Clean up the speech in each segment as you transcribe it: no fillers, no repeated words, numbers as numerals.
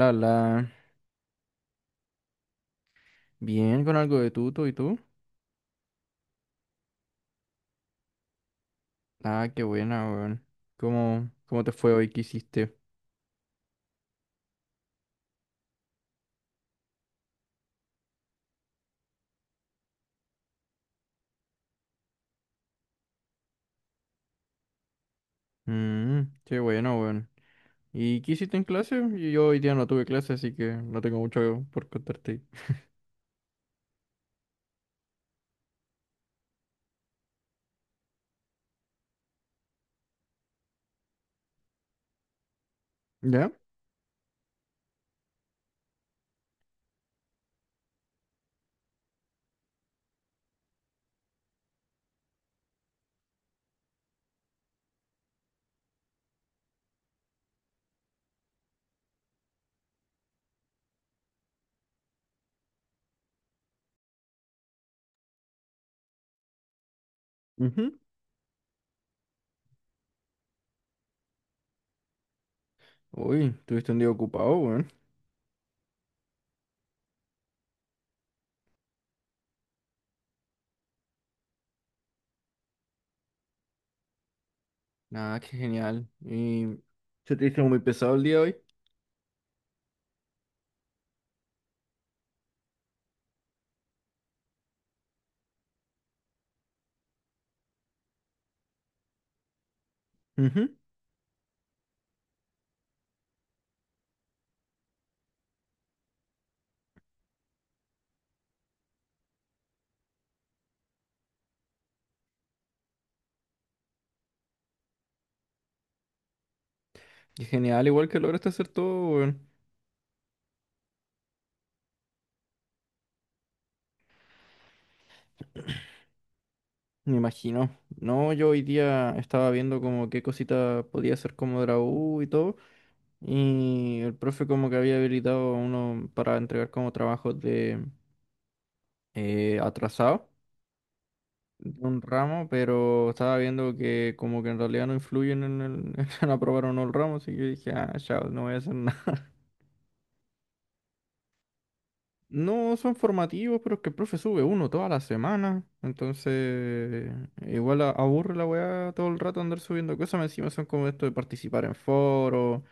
La, la, bien con algo de tuto y tú. Ah, qué buena, weón. ¿Cómo te fue hoy? ¿Qué hiciste? Mm, qué bueno, weón. ¿Y qué hiciste en clase? Yo hoy día no tuve clase, así que no tengo mucho por contarte. ¿Ya? Ujú. Uy, tuviste un día ocupado, weón. Ah, qué genial. ¿Y se te hizo muy pesado el día hoy? Ujú. Qué genial, igual que lograste hacer todo, weón. Me imagino. No, yo hoy día estaba viendo como qué cosita podía hacer como de la U y todo. Y el profe como que había habilitado a uno para entregar como trabajos de atrasado de un ramo, pero estaba viendo que como que en realidad no influyen en el en aprobar o no el ramo, así que dije, ah, chao, no voy a hacer nada. No son formativos, pero es que el profe sube uno toda la semana, entonces igual aburre la weá todo el rato andar subiendo cosas, más encima son como esto de participar en foros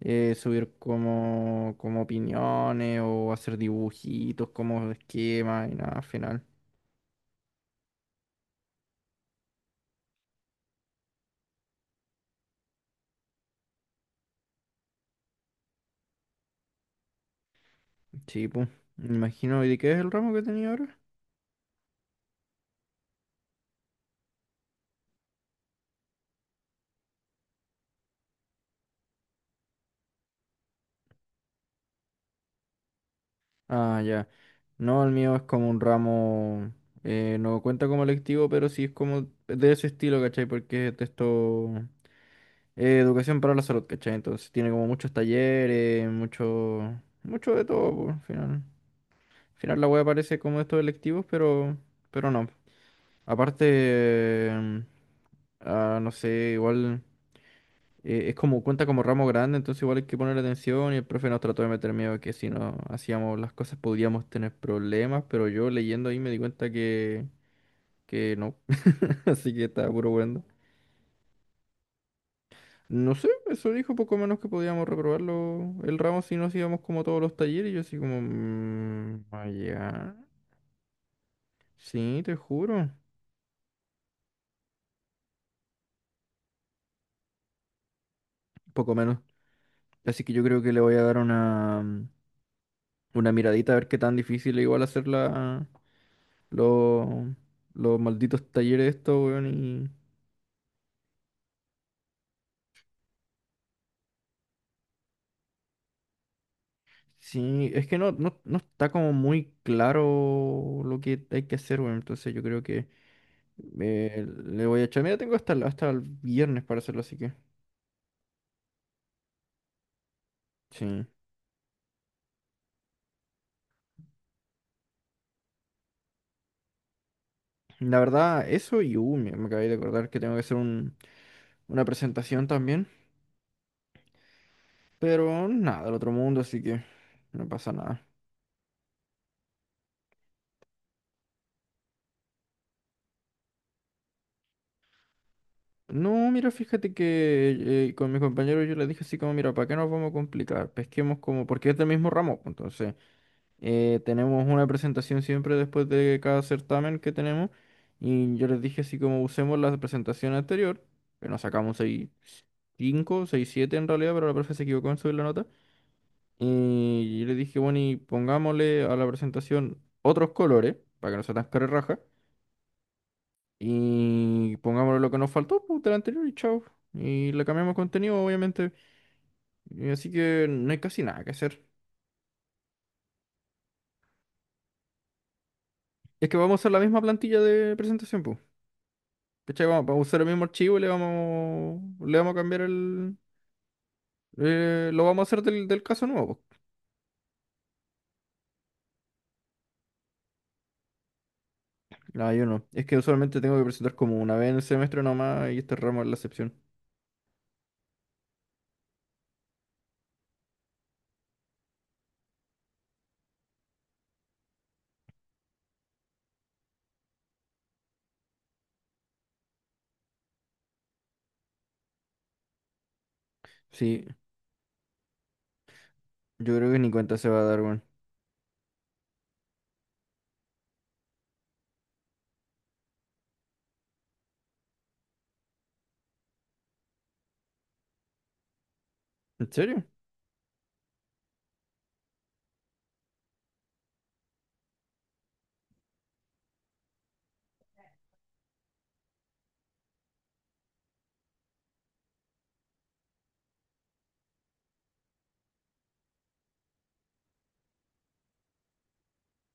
subir como opiniones o hacer dibujitos como esquemas y nada, al final. Sí, pues. Me imagino, ¿y de qué es el ramo que tenía ahora? Ah, ya. No, el mío es como un ramo, no cuenta como electivo, pero sí es como de ese estilo, ¿cachai? Porque es de esto, educación para la salud, ¿cachai? Entonces tiene como muchos talleres, mucho, mucho de todo, pues, al final. Al final la web parece como de estos electivos, pero no. Aparte, ah, no sé, igual es como cuenta como ramo grande, entonces igual hay que poner atención y el profe nos trató de meter miedo de que si no hacíamos las cosas podríamos tener problemas, pero yo leyendo ahí me di cuenta que no, así que estaba puro bueno. No sé, eso dijo poco menos que podíamos reprobarlo el ramo si no hacíamos como todos los talleres, y yo así como, "Mm, vaya, sí, te juro, poco menos". Así que yo creo que le voy a dar una miradita a ver qué tan difícil es igual hacerla. Los, los malditos talleres estos, weón, y... Sí, es que no está como muy claro lo que hay que hacer, weón. Entonces yo creo que le voy a echar. Mira, tengo hasta el viernes para hacerlo, así que... Sí. La verdad, eso y... me acabé de acordar que tengo que hacer una presentación también. Pero nada, del otro mundo, así que no pasa nada. No, mira, fíjate que con mis compañeros yo les dije así como, mira, ¿para qué nos vamos a complicar? Pesquemos como, porque es del mismo ramo, pues, entonces... tenemos una presentación siempre después de cada certamen que tenemos. Y yo les dije así como usemos la presentación anterior, que nos sacamos 6, 5 6 7 en realidad, pero la profe se equivocó en subir la nota. Y yo les dije, bueno, y pongámosle a la presentación otros colores, para que no sea tan carerraja. Y pongámosle lo que nos faltó pues, del anterior y chao. Y le cambiamos contenido, obviamente. Y así que no hay casi nada que hacer. Es que vamos a hacer la misma plantilla de presentación, pues. ¿Cachai? Vamos a usar el mismo archivo y le vamos a cambiar el... Lo vamos a hacer del caso nuevo, po. No, yo no. Es que usualmente tengo que presentar como una vez en el semestre nomás y este ramo es la excepción. Sí, yo creo que ni cuenta se va a dar, weón. ¿En serio?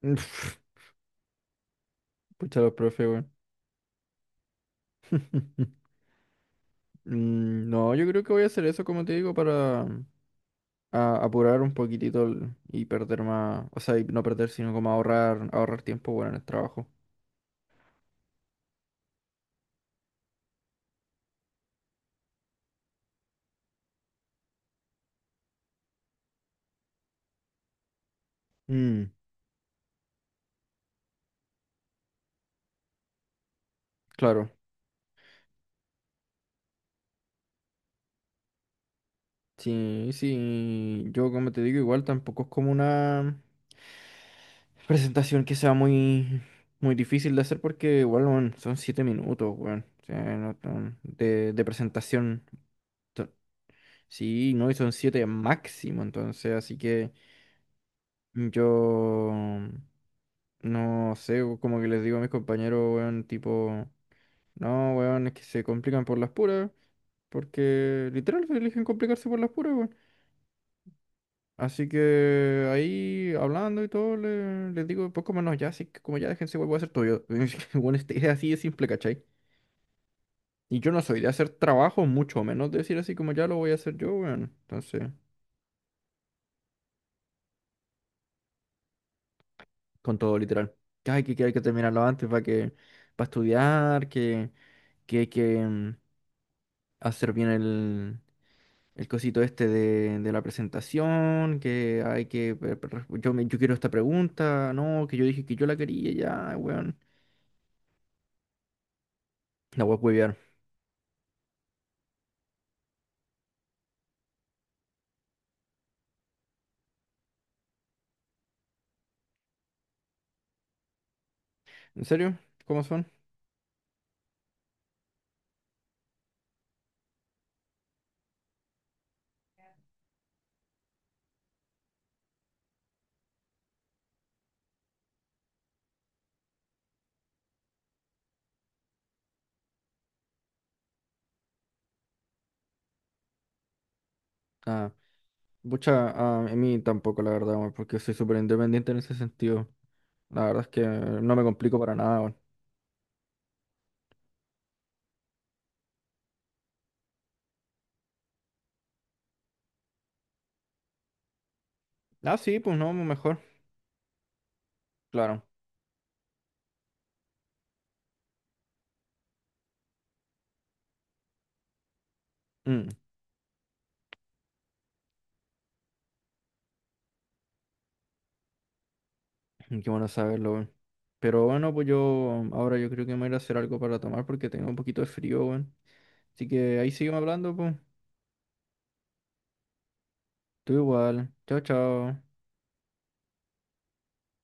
Uf, pucha los profes, weón. Mm, no, yo creo que voy a hacer eso, como te digo, para apurar un poquitito el- y perder más, o sea, y no perder, sino como ahorrar, ahorrar tiempo, bueno, en el trabajo. Mm, claro. Sí, yo como te digo, igual tampoco es como una presentación que sea muy difícil de hacer porque igual weón, son siete minutos, weón, o sea, no tan- de presentación. To- Sí, no, y son siete máximo, entonces, así que yo no sé, o como que les digo a mis compañeros, weón, tipo, no, weón, es que se complican por las puras, porque literal se eligen complicarse por las puras, weón. Así que ahí hablando y todo, les digo, pues como no, ya, así que como ya déjense, voy a hacer todo yo. Es que, bueno, esta idea así de simple, ¿cachai? Y yo no soy de hacer trabajo, mucho menos de decir así como ya lo voy a hacer yo, weón. Entonces, con todo literal. Que hay que terminarlo antes para estudiar, que hay que hacer bien el cosito este de la presentación, que hay que, yo quiero esta pregunta, no, que yo dije que yo la quería, ya, weón. La voy a... ¿En serio? ¿Cómo son? Ah, pucha, ah, a mí tampoco, la verdad, weón, porque soy súper independiente en ese sentido. La verdad es que no me complico para nada, weón. Ah, sí, pues no, mejor, claro. Mm, qué bueno saberlo, weón. Pero bueno, pues yo ahora yo creo que me voy a ir a hacer algo para tomar porque tengo un poquito de frío, weón. Así que ahí seguimos hablando, pues. Tú igual. Chao, chao.